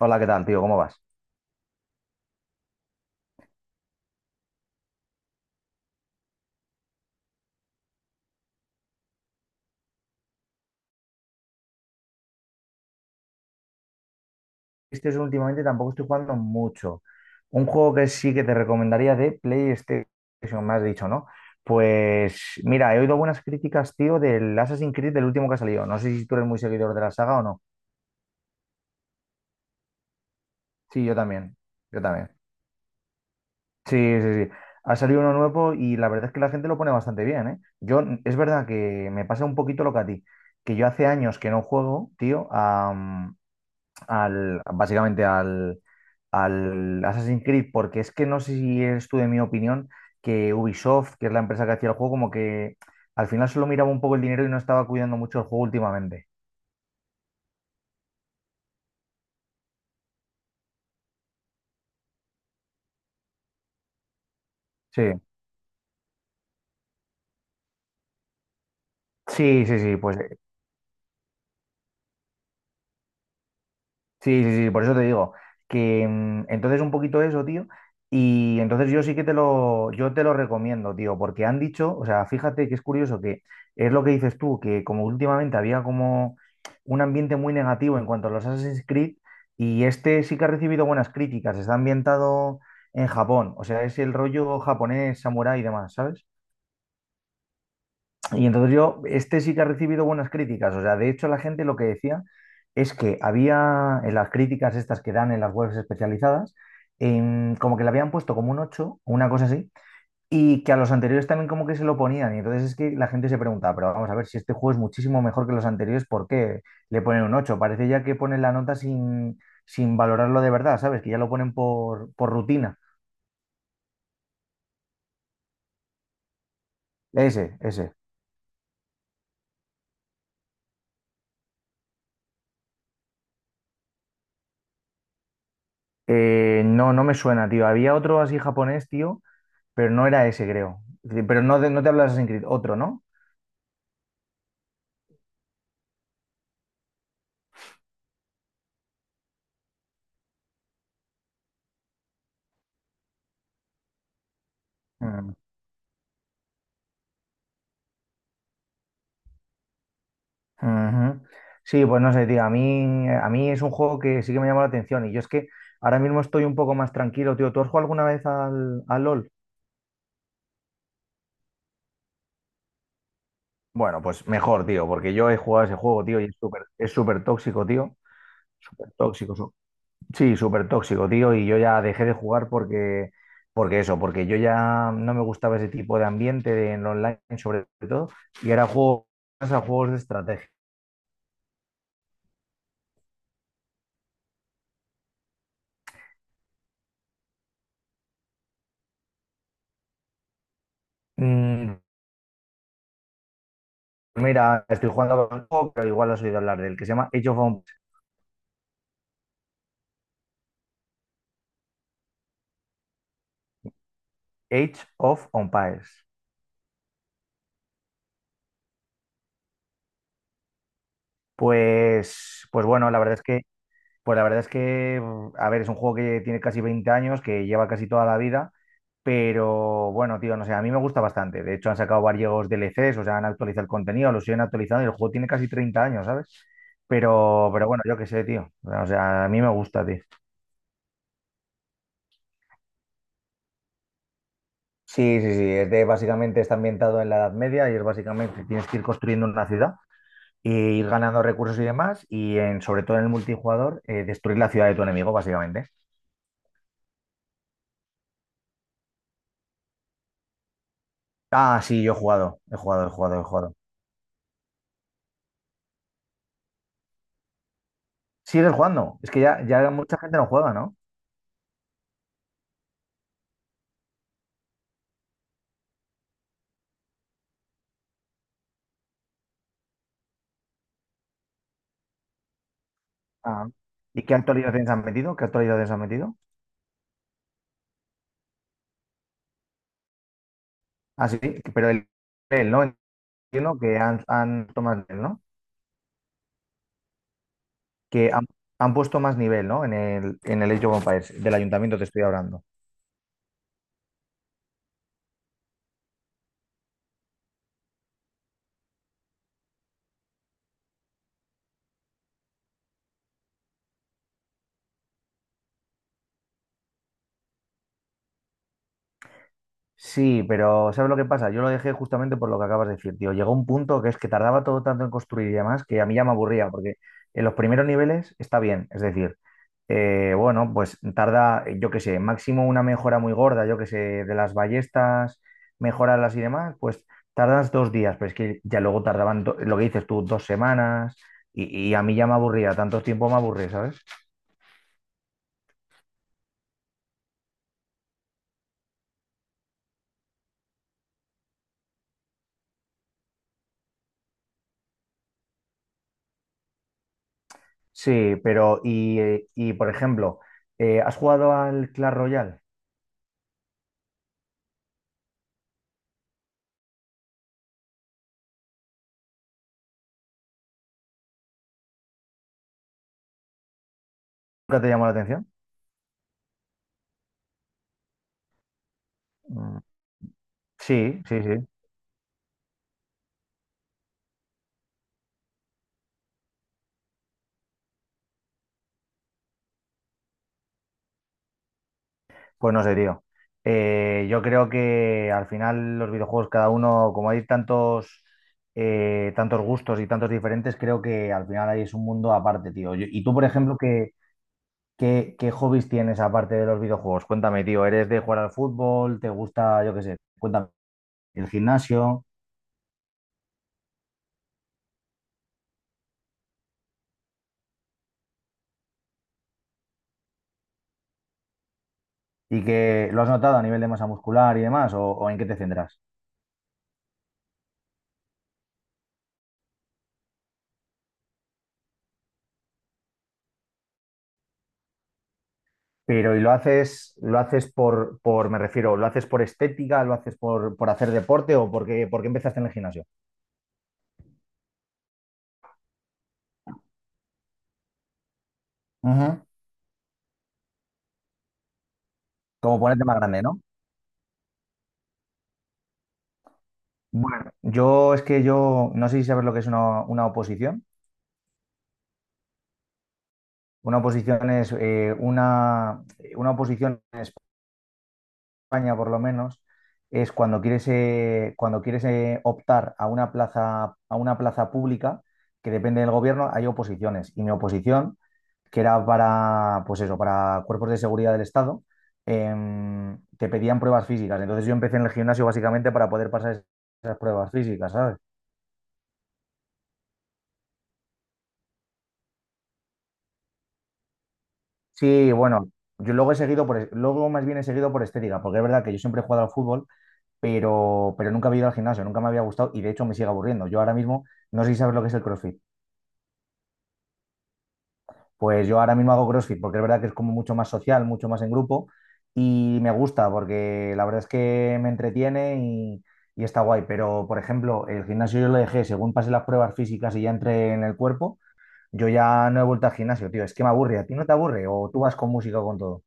Hola, ¿qué tal, tío? ¿Cómo vas? Este es Últimamente tampoco estoy jugando mucho. Un juego que sí que te recomendaría de PlayStation, me has dicho, ¿no? Pues mira, he oído buenas críticas, tío, del Assassin's Creed, del último que ha salido. No sé si tú eres muy seguidor de la saga o no. Sí, yo también. Yo también. Sí, sí, sí. Ha salido uno nuevo y la verdad es que la gente lo pone bastante bien, ¿eh? Yo, es verdad que me pasa un poquito lo que a ti, que yo hace años que no juego, tío, básicamente al Assassin's Creed, porque es que no sé si eres tú de mi opinión, que Ubisoft, que es la empresa que hacía el juego, como que al final solo miraba un poco el dinero y no estaba cuidando mucho el juego últimamente. Sí, sí, sí, sí, pues. Sí, sí, sí, por eso te digo que entonces un poquito eso, tío, y entonces yo te lo recomiendo, tío, porque han dicho, o sea, fíjate que es curioso que es lo que dices tú, que como últimamente había como un ambiente muy negativo en cuanto a los Assassin's Creed, y este sí que ha recibido buenas críticas, está ambientado en Japón, o sea, es el rollo japonés, samurái y demás, ¿sabes? Y entonces yo, este sí que ha recibido buenas críticas. O sea, de hecho la gente lo que decía es que había en las críticas estas que dan en las webs especializadas, como que le habían puesto como un 8 una cosa así, y que a los anteriores también como que se lo ponían. Y entonces es que la gente se preguntaba, pero vamos a ver si este juego es muchísimo mejor que los anteriores, ¿por qué le ponen un ocho? Parece ya que ponen la nota sin valorarlo de verdad, ¿sabes? Que ya lo ponen por rutina. Ese, ese. No, no me suena, tío. Había otro así japonés, tío. Pero no era ese, creo. Sí, pero no, no te hablo de Assassin's Creed, otro, ¿no? Mm, ujú. Sí, pues no sé, tío. A mí es un juego que sí que me llama la atención. Y yo es que ahora mismo estoy un poco más tranquilo, tío. ¿Tú has jugado alguna vez al LOL? Bueno, pues mejor, tío, porque yo he jugado ese juego, tío, y es súper tóxico, tío. Súper tóxico. Sí, súper tóxico, tío. Y yo ya dejé de jugar porque, porque eso, porque yo ya no me gustaba ese tipo de ambiente en online, sobre todo. Y era juego a juegos de estrategia. Mm, Mira, estoy jugando con un juego, pero igual has oído hablar del que se llama Age of Empires. Pues bueno, la verdad es que, a ver, es un juego que tiene casi 20 años, que lleva casi toda la vida, pero bueno, tío, no sé, a mí me gusta bastante. De hecho, han sacado varios DLCs, o sea, han actualizado el contenido, lo siguen actualizando y el juego tiene casi 30 años, ¿sabes? Pero bueno, yo qué sé, tío. O sea, a mí me gusta, tío. Sí, sí, sí, es de básicamente está ambientado en la Edad Media y es básicamente tienes que ir construyendo una ciudad e ir ganando recursos y demás y sobre todo en el multijugador destruir la ciudad de tu enemigo básicamente. Ah, sí, yo he jugado, he jugado, he jugado, he jugado. Sigues jugando, es que ya, ya mucha gente no juega, ¿no? Ah, ¿y qué actualizaciones han metido? ¿Qué actualizaciones han metido? Ah, sí, pero el nivel, ¿no? Entiendo que han puesto más nivel, ¿no? Que han puesto más nivel, ¿no? En el Age of Empires, del ayuntamiento te estoy hablando. Sí, pero ¿sabes lo que pasa? Yo lo dejé justamente por lo que acabas de decir, tío. Llegó un punto que es que tardaba todo tanto en construir y demás que a mí ya me aburría, porque en los primeros niveles está bien, es decir, bueno, pues tarda, yo qué sé, máximo una mejora muy gorda, yo qué sé, de las ballestas, mejorarlas y demás, pues tardas 2 días, pero es que ya luego tardaban, lo que dices tú, 2 semanas, y a mí ya me aburría, tanto tiempo me aburría, ¿sabes? Sí, pero, y por ejemplo, ¿has jugado al Clash Royale? ¿Nunca te llamó la atención? Mm, sí, sí, sí. Pues no sé, tío. Yo creo que al final los videojuegos, cada uno, como hay tantos, tantos gustos y tantos diferentes, creo que al final ahí es un mundo aparte, tío. Y tú, por ejemplo, ¿qué hobbies tienes aparte de los videojuegos? Cuéntame, tío. ¿Eres de jugar al fútbol? ¿Te gusta, yo qué sé? Cuéntame, el gimnasio y que lo has notado a nivel de masa muscular y demás, o en qué te centras. Pero, ¿y lo haces me refiero, lo haces por estética, lo haces por hacer deporte o porque empezaste en el gimnasio? Ujú. ¿Como ponerte más grande, no? Bueno, yo es que yo no sé si sabes lo que es una oposición. Una oposición es una oposición en España, por lo menos, es cuando quieres optar a una plaza pública que depende del gobierno, hay oposiciones. Y mi oposición que era para, pues eso, para cuerpos de seguridad del Estado, te pedían pruebas físicas. Entonces yo empecé en el gimnasio básicamente para poder pasar esas pruebas físicas, ¿sabes? Sí, bueno, yo luego he seguido por, luego más bien he seguido por estética, porque es verdad que yo siempre he jugado al fútbol, pero nunca había ido al gimnasio, nunca me había gustado y de hecho me sigue aburriendo. Yo ahora mismo no sé si sabes lo que es el CrossFit. Pues yo ahora mismo hago CrossFit porque es verdad que es como mucho más social, mucho más en grupo y me gusta porque la verdad es que me entretiene y está guay. Pero, por ejemplo, el gimnasio yo lo dejé según pasé las pruebas físicas y ya entré en el cuerpo, yo ya no he vuelto al gimnasio, tío. Es que me aburre. ¿A ti no te aburre? ¿O tú vas con música o con todo?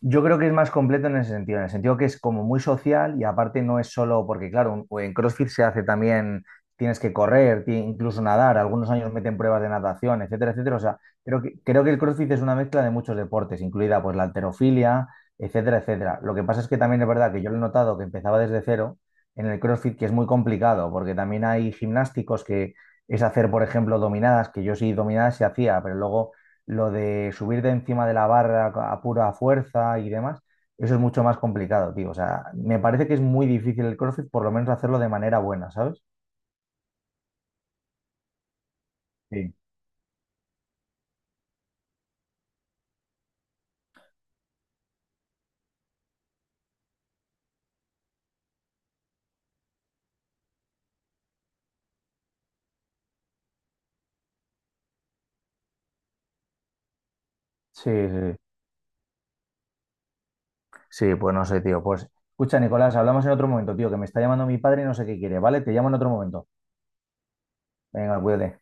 Yo creo que es más completo en ese sentido, en el sentido que es como muy social y aparte no es solo porque, claro, en CrossFit se hace también, tienes que correr, incluso nadar, algunos años meten pruebas de natación, etcétera, etcétera. O sea, creo que el CrossFit es una mezcla de muchos deportes, incluida pues la halterofilia, etcétera, etcétera. Lo que pasa es que también es verdad que yo lo he notado que empezaba desde cero en el CrossFit, que es muy complicado, porque también hay gimnásticos que es hacer, por ejemplo, dominadas, que yo sí dominadas se hacía, pero luego lo de subir de encima de la barra a pura fuerza y demás, eso es mucho más complicado, tío. O sea, me parece que es muy difícil el CrossFit, por lo menos hacerlo de manera buena, ¿sabes? Sí. Sí, sí. Sí, pues no sé, tío. Pues escucha, Nicolás, hablamos en otro momento, tío, que me está llamando mi padre y no sé qué quiere, ¿vale? Te llamo en otro momento. Venga, cuídate.